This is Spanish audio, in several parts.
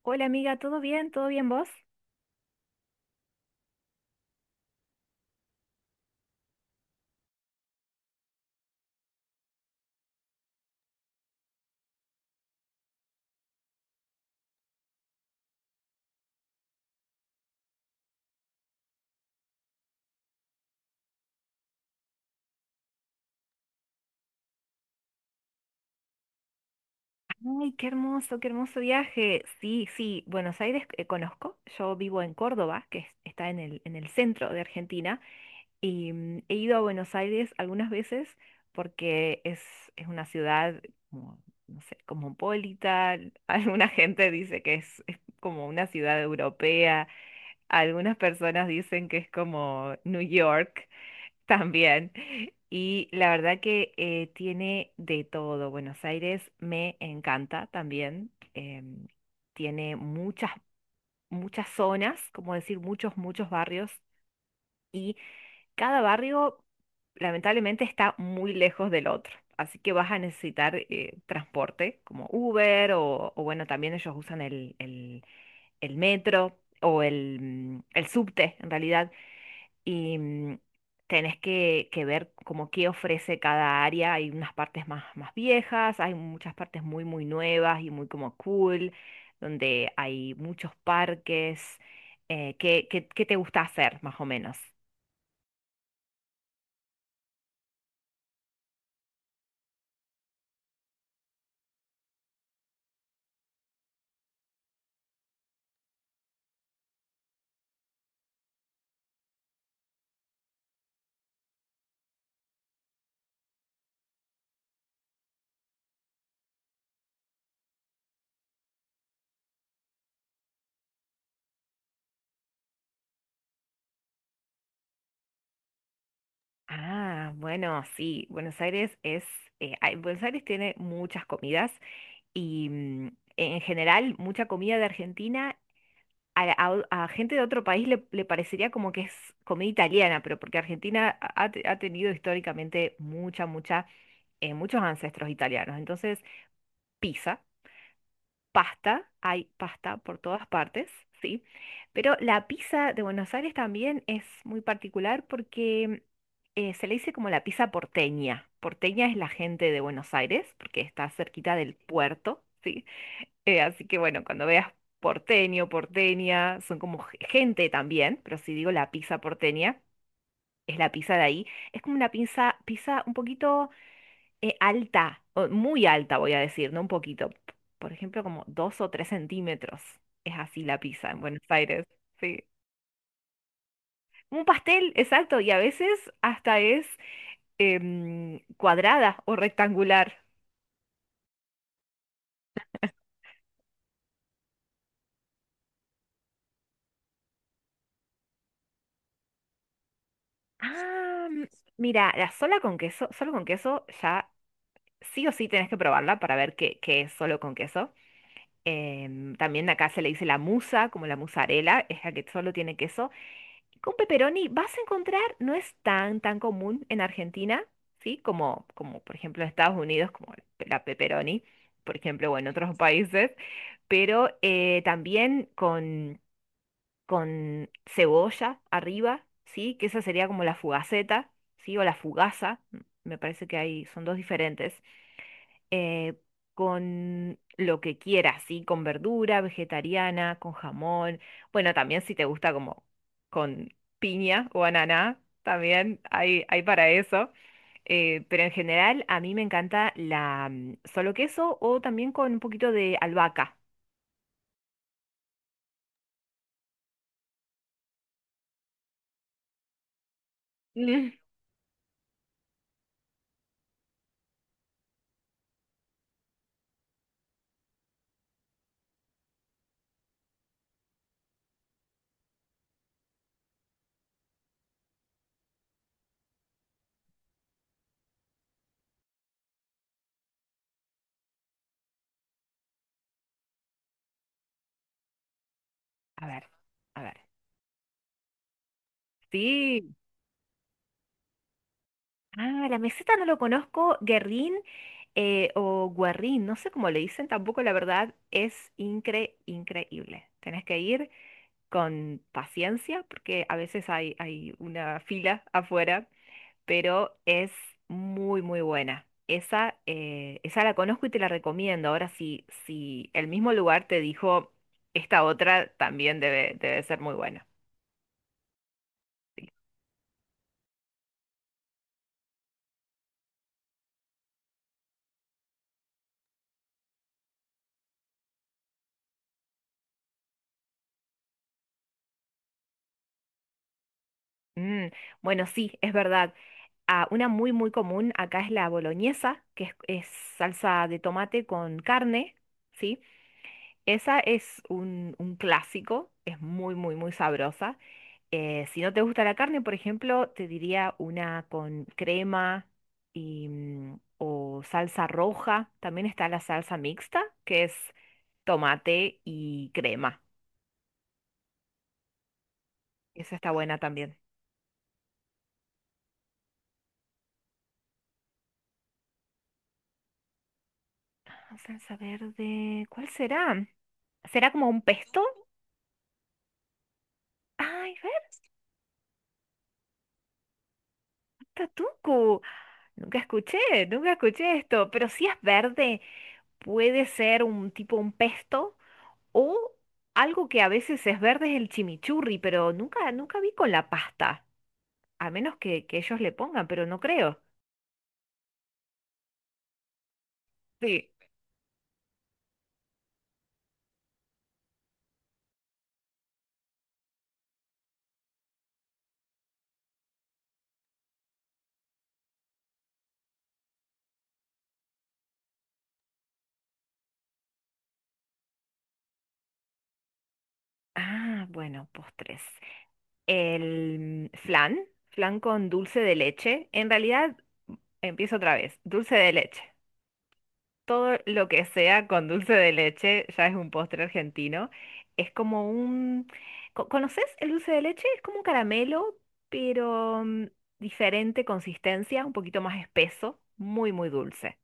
Hola amiga, ¿todo bien? ¿Todo bien vos? Ay, qué hermoso viaje. Sí, sí, Buenos Aires conozco. Yo vivo en Córdoba, está en el centro de Argentina, y he ido a Buenos Aires algunas veces porque es una ciudad como, no sé, cosmopolita. Alguna gente dice que es como una ciudad europea. Algunas personas dicen que es como New York. También. Y la verdad que tiene de todo. Buenos Aires me encanta también. Tiene muchas, muchas zonas, como decir, muchos, muchos barrios. Y cada barrio, lamentablemente, está muy lejos del otro. Así que vas a necesitar transporte, como Uber, o bueno, también ellos usan el metro o el subte, en realidad y tenés que ver como qué ofrece cada área. Hay unas partes más, más viejas, hay muchas partes muy, muy nuevas y muy como cool, donde hay muchos parques. ¿Qué, qué, qué te gusta hacer, más o menos? Ah, bueno, sí, Buenos Aires es, Buenos Aires tiene muchas comidas y en general mucha comida de Argentina a, la- a o- a gente de otro país le, le parecería como que es comida italiana, pero porque Argentina ha tenido históricamente mucha, mucha, muchos ancestros italianos. Entonces, pizza, pasta, hay pasta por todas partes, ¿sí? Pero la pizza de Buenos Aires también es muy particular porque se le dice como la pizza porteña. Porteña es la gente de Buenos Aires, porque está cerquita del puerto. Sí, así que bueno, cuando veas porteño, porteña, son como gente también, pero si digo la pizza porteña, es la pizza de ahí. Es como una pizza, pizza un poquito alta, o muy alta voy a decir, no un poquito. Por ejemplo, como dos o tres centímetros. Es así la pizza en Buenos Aires. Sí. Un pastel, exacto, y a veces hasta es cuadrada o rectangular. Ah, m- Mira, la sola con queso, solo con queso ya sí o sí tenés que probarla para ver qué, qué es solo con queso. También acá se le dice la musa, como la mozzarella, es la que solo tiene queso. Con pepperoni vas a encontrar, no es tan, tan común en Argentina, ¿sí? Como, como por ejemplo en Estados Unidos, como la pepperoni, por ejemplo, o en otros países, pero también con cebolla arriba, ¿sí? Que esa sería como la fugaceta, ¿sí? O la fugaza, me parece que hay, son dos diferentes eh, con lo que quieras, ¿sí? Con verdura, vegetariana, con jamón. Bueno, también si te gusta como con piña o ananá, también hay para eso. Pero en general a mí me encanta la solo queso o también con un poquito de albahaca. Mm. A ver, a ver. Sí. Ah, la meseta no lo conozco. Guerrín o guarrín, no sé cómo le dicen tampoco, la verdad, es increíble. Tenés que ir con paciencia, porque a veces hay, hay una fila afuera, pero es muy, muy buena. Esa, esa la conozco y te la recomiendo. Ahora, si, si el mismo lugar te dijo, esta otra también debe, debe ser muy buena. Sí. Mm, bueno, sí, es verdad. Ah, una muy, muy común acá es la boloñesa, que es salsa de tomate con carne, ¿sí? Esa es un clásico, es muy, muy, muy sabrosa. Si no te gusta la carne, por ejemplo, te diría una con crema y, o salsa roja. También está la salsa mixta, que es tomate y crema. Esa está buena también. Ah, salsa verde, ¿cuál será? ¿Será como un pesto? Ay, Tatuco. Nunca escuché, nunca escuché esto, pero si es verde, puede ser un tipo un pesto o algo que a veces es verde es el chimichurri, pero nunca, nunca vi con la pasta, a menos que ellos le pongan, pero no creo. Sí. Ah, bueno, postres. El flan, flan con dulce de leche. En realidad, empiezo otra vez, dulce de leche. Todo lo que sea con dulce de leche ya es un postre argentino. Es como un... ¿Conoces el dulce de leche? Es como un caramelo, pero diferente consistencia, un poquito más espeso, muy, muy dulce.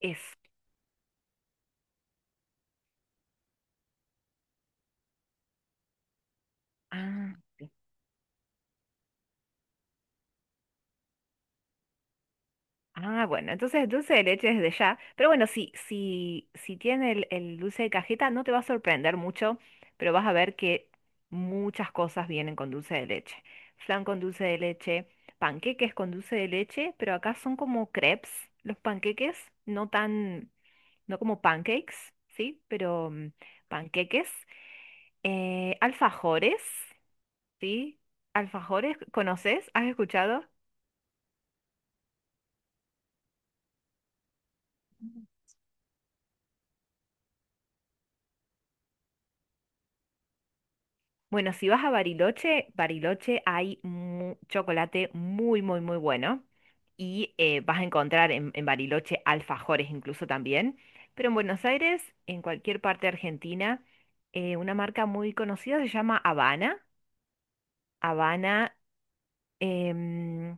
Eso. Ah, ok. Ah, bueno, entonces dulce de leche desde ya. Pero bueno, si, si, si tiene el dulce de cajeta, no te va a sorprender mucho, pero vas a ver que muchas cosas vienen con dulce de leche. Flan con dulce de leche, panqueques con dulce de leche, pero acá son como crepes, los panqueques, no tan, no como pancakes, ¿sí? Pero panqueques. Alfajores, ¿sí? Alfajores, ¿conoces? ¿Has escuchado? Bueno, si vas a Bariloche, Bariloche hay chocolate muy, muy, muy bueno. Y vas a encontrar en Bariloche alfajores incluso también. Pero en Buenos Aires, en cualquier parte de Argentina, una marca muy conocida se llama Habana. Habana em,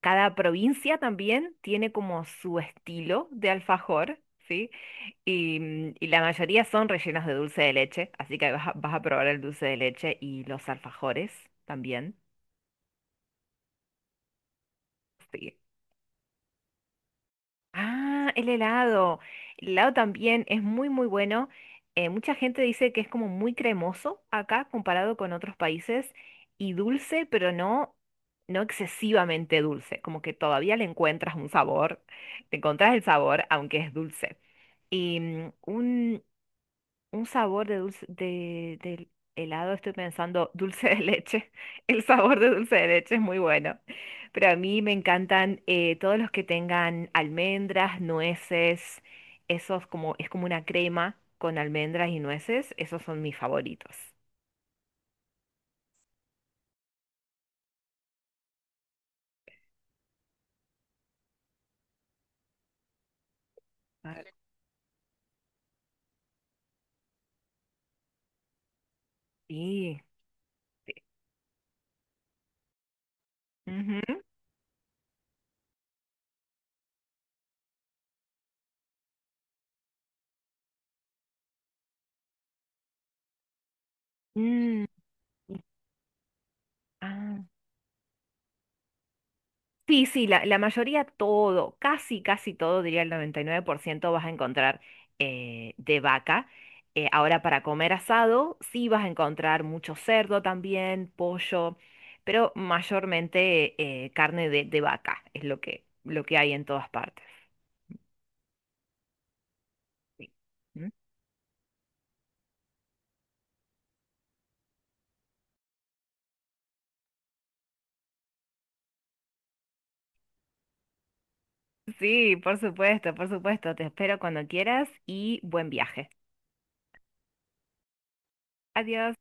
cada provincia también tiene como su estilo de alfajor, ¿sí? Y, y la mayoría son rellenos de dulce de leche, así que vas a, vas a probar el dulce de leche y los alfajores también. Sí. Ah, el helado. El helado también es muy, muy bueno. Mucha gente dice que es como muy cremoso acá comparado con otros países y dulce, pero no, no excesivamente dulce, como que todavía le encuentras un sabor, le encontrás el sabor, aunque es dulce. Y un sabor de dulce, de, del helado, estoy pensando dulce de leche. El sabor de dulce de leche es muy bueno. Pero a mí me encantan todos los que tengan almendras, nueces, esos como, es como una crema con almendras y nueces, esos son mis favoritos. Ah, sí. Ujú. Mm, ah, sí, sí, la mayoría todo, casi, casi todo, diría el 99%, vas a encontrar de vaca. Ahora para comer asado, sí vas a encontrar mucho cerdo también, pollo, pero mayormente carne de vaca es lo que hay en todas partes. Sí. ¿Mm? Sí, por supuesto, por supuesto. Te espero cuando quieras y buen viaje. Adiós.